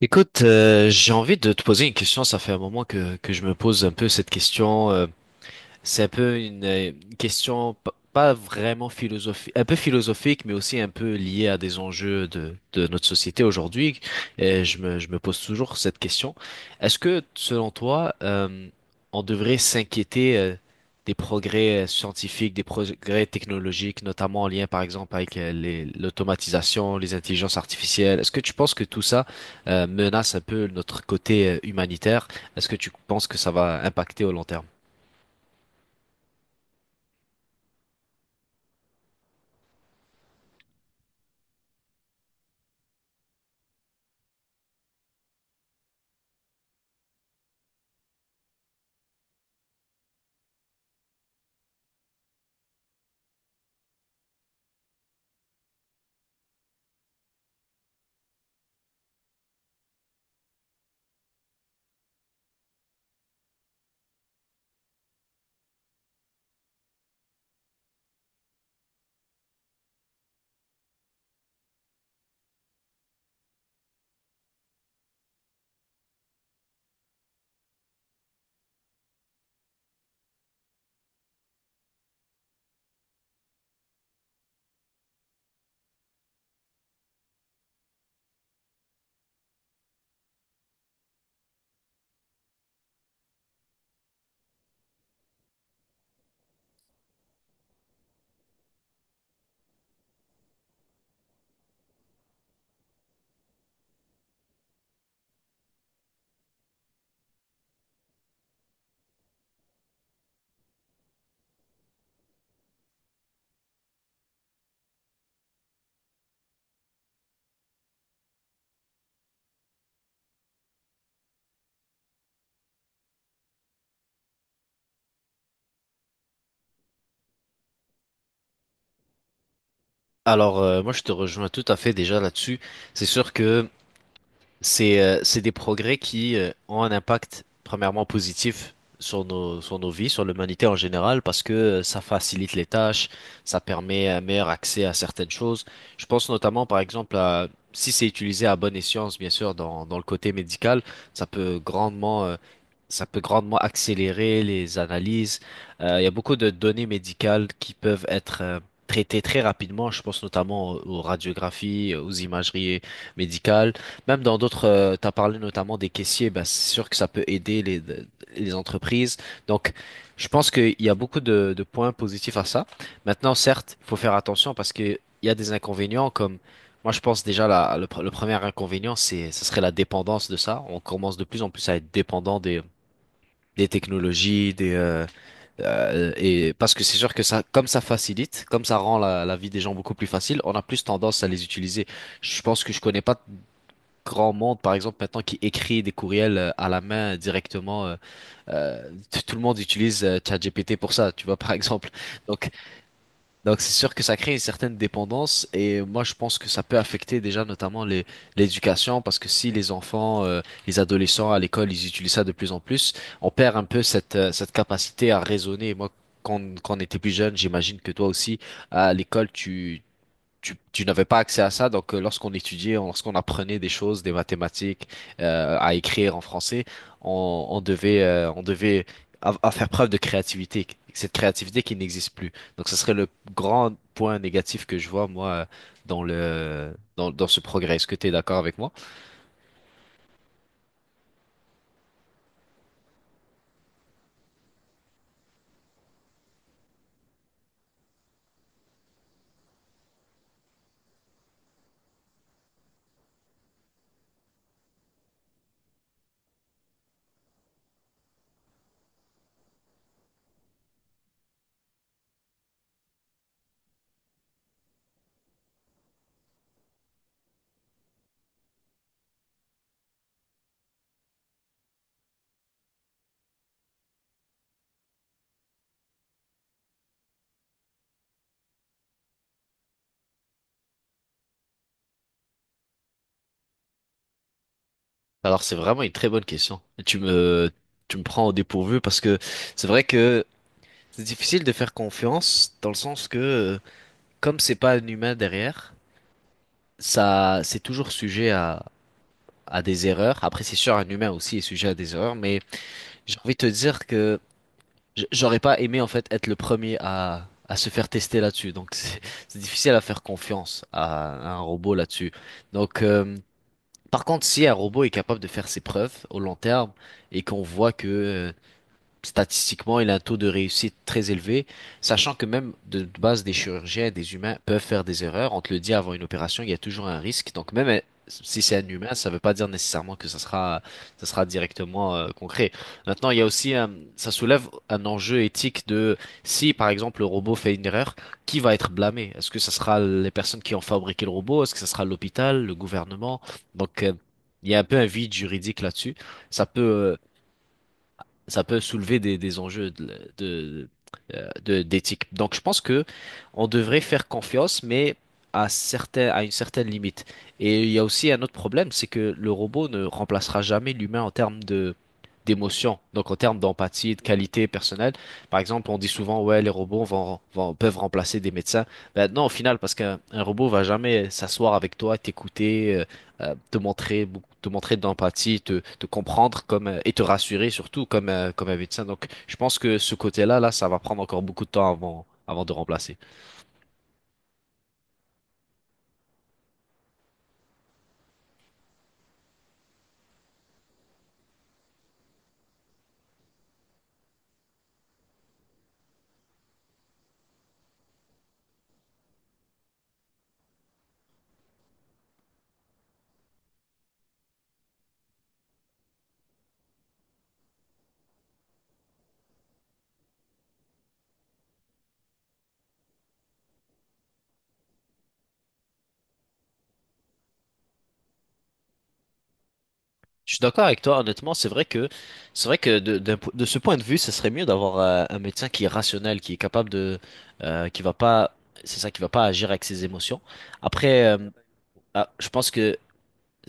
Écoute, j'ai envie de te poser une question. Ça fait un moment que je me pose un peu cette question. C'est un peu une question pas vraiment philosophique, un peu philosophique, mais aussi un peu liée à des enjeux de notre société aujourd'hui. Et je me pose toujours cette question. Est-ce que, selon toi, on devrait s'inquiéter des progrès scientifiques, des progrès technologiques, notamment en lien, par exemple, avec l'automatisation, les intelligences artificielles? Est-ce que tu penses que tout ça menace un peu notre côté humanitaire? Est-ce que tu penses que ça va impacter au long terme? Alors, moi, je te rejoins tout à fait déjà là-dessus. C'est sûr que c'est des progrès qui ont un impact premièrement positif sur sur nos vies, sur l'humanité en général, parce que ça facilite les tâches, ça permet un meilleur accès à certaines choses. Je pense notamment, par exemple, à, si c'est utilisé à bon escient, bien sûr, dans le côté médical, ça peut ça peut grandement accélérer les analyses. Il y a beaucoup de données médicales qui peuvent être traitées très rapidement. Je pense notamment aux radiographies, aux imageries médicales, même dans d'autres, tu as parlé notamment des caissiers. Bah, c'est sûr que ça peut aider les entreprises. Donc, je pense qu'il y a beaucoup de points positifs à ça. Maintenant, certes, il faut faire attention parce qu'il y a des inconvénients comme, moi je pense déjà le premier inconvénient, ce serait la dépendance de ça. On commence de plus en plus à être dépendant des technologies, et parce que c'est sûr que ça, comme ça facilite, comme ça rend la vie des gens beaucoup plus facile, on a plus tendance à les utiliser. Je pense que je connais pas grand monde, par exemple, maintenant qui écrit des courriels à la main directement. Tout le monde utilise ChatGPT pour ça, tu vois, par exemple. Donc, donc c'est sûr que ça crée une certaine dépendance et moi, je pense que ça peut affecter déjà notamment l'éducation parce que si les enfants, les adolescents à l'école, ils utilisent ça de plus en plus, on perd un peu cette capacité à raisonner. Moi, quand on était plus jeune, j'imagine que toi aussi, à l'école, tu n'avais pas accès à ça. Donc, lorsqu'on étudiait, lorsqu'on apprenait des choses, des mathématiques, à écrire en français, on devait, à faire preuve de créativité. Cette créativité qui n'existe plus. Donc, ce serait le grand point négatif que je vois, moi, dans dans ce progrès. Est-ce que tu es d'accord avec moi? Alors, c'est vraiment une très bonne question. Tu me prends au dépourvu parce que c'est vrai que c'est difficile de faire confiance dans le sens que, comme c'est pas un humain derrière, ça, c'est toujours sujet à des erreurs. Après, c'est sûr, un humain aussi est sujet à des erreurs, mais j'ai envie de te dire que j'aurais pas aimé, en fait, être le premier à se faire tester là-dessus. Donc, c'est difficile à faire confiance à un robot là-dessus. Donc, par contre, si un robot est capable de faire ses preuves au long terme et qu'on voit que, statistiquement, il a un taux de réussite très élevé, sachant que même de base, des chirurgiens, des humains peuvent faire des erreurs. On te le dit avant une opération, il y a toujours un risque. Donc même si c'est un humain, ça ne veut pas dire nécessairement que ça sera directement concret. Maintenant, il y a aussi ça soulève un enjeu éthique de si, par exemple, le robot fait une erreur, qui va être blâmé? Est-ce que ce sera les personnes qui ont fabriqué le robot? Est-ce que ce sera l'hôpital, le gouvernement? Donc il y a un peu un vide juridique là-dessus. Ça peut, euh, ça peut soulever des enjeux de- d'éthique. Donc, je pense que on devrait faire confiance, mais à une certaine limite. Et il y a aussi un autre problème, c'est que le robot ne remplacera jamais l'humain en termes de d'émotion, donc en termes d'empathie, de qualité personnelle. Par exemple, on dit souvent, ouais, les robots peuvent remplacer des médecins. Ben non, au final, parce qu'un un robot va jamais s'asseoir avec toi, t'écouter, te montrer beaucoup, te montrer d'empathie, te comprendre comme et te rassurer surtout comme comme un médecin. Donc, je pense que ce côté-là, là, ça va prendre encore beaucoup de temps avant de remplacer. Je suis d'accord avec toi, honnêtement, c'est vrai que de, de ce point de vue, ce serait mieux d'avoir un médecin qui est rationnel, qui est capable de euh, qui va pas qui va pas agir avec ses émotions. Après, je pense que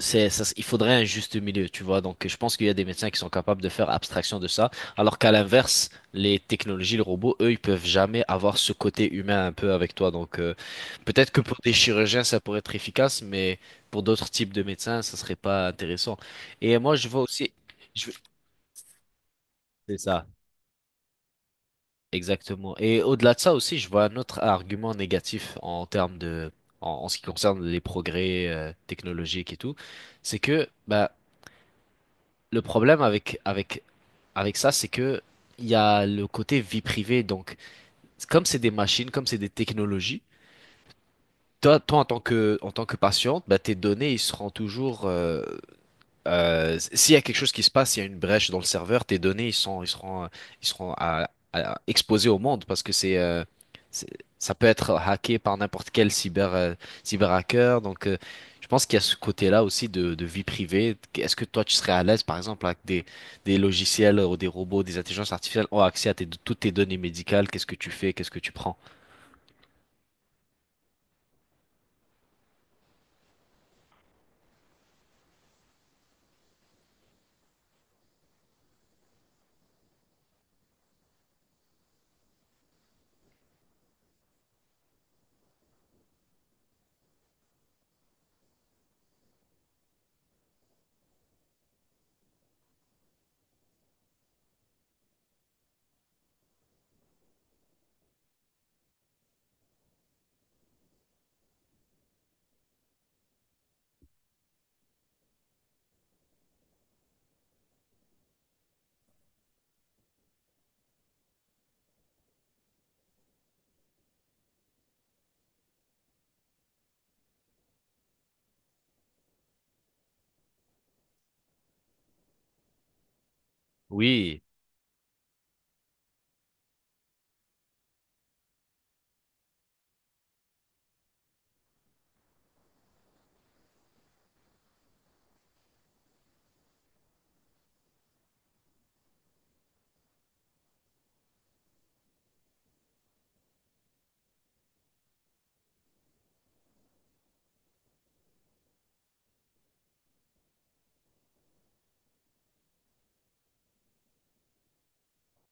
il faudrait un juste milieu, tu vois. Donc, je pense qu'il y a des médecins qui sont capables de faire abstraction de ça, alors qu'à l'inverse, les technologies, les robots, eux, ils peuvent jamais avoir ce côté humain un peu avec toi. Donc, peut-être que pour des chirurgiens, ça pourrait être efficace, mais pour d'autres types de médecins, ça serait pas intéressant. Et moi, je vois aussi, je- c'est ça, exactement. Et au-delà de ça aussi, je vois un autre argument négatif en termes en, en ce qui concerne les progrès technologiques et tout, c'est que, bah, le problème avec ça, c'est que il y a le côté vie privée. Donc, comme c'est des machines, comme c'est des technologies, toi en tant que patiente, bah, tes données, ils seront toujours, s'il y a quelque chose qui se passe, il y a une brèche dans le serveur, tes données, ils seront exposés au monde parce que c'est, c'est- ça peut être hacké par n'importe quel cyberhacker. Donc, je pense qu'il y a ce côté-là aussi de vie privée. Est-ce que toi, tu serais à l'aise, par exemple, avec des logiciels ou des robots, des intelligences artificielles ont accès à toutes tes données médicales? Qu'est-ce que tu fais? Qu'est-ce que tu prends? Oui.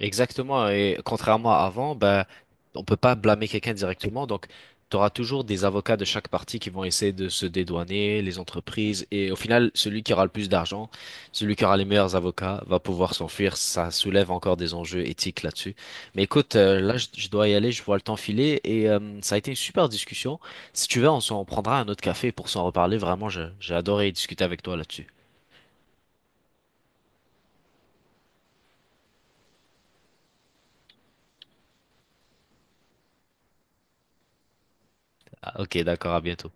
Exactement. Et contrairement à avant, ben, on peut pas blâmer quelqu'un directement. Donc, tu auras toujours des avocats de chaque partie qui vont essayer de se dédouaner, les entreprises. Et au final, celui qui aura le plus d'argent, celui qui aura les meilleurs avocats, va pouvoir s'enfuir. Ça soulève encore des enjeux éthiques là-dessus. Mais écoute, là, je dois y aller. Je vois le temps filer. Et ça a été une super discussion. Si tu veux, on s'en prendra un autre café pour s'en reparler. Vraiment, j'ai adoré discuter avec toi là-dessus. Ah, ok, d'accord. À bientôt.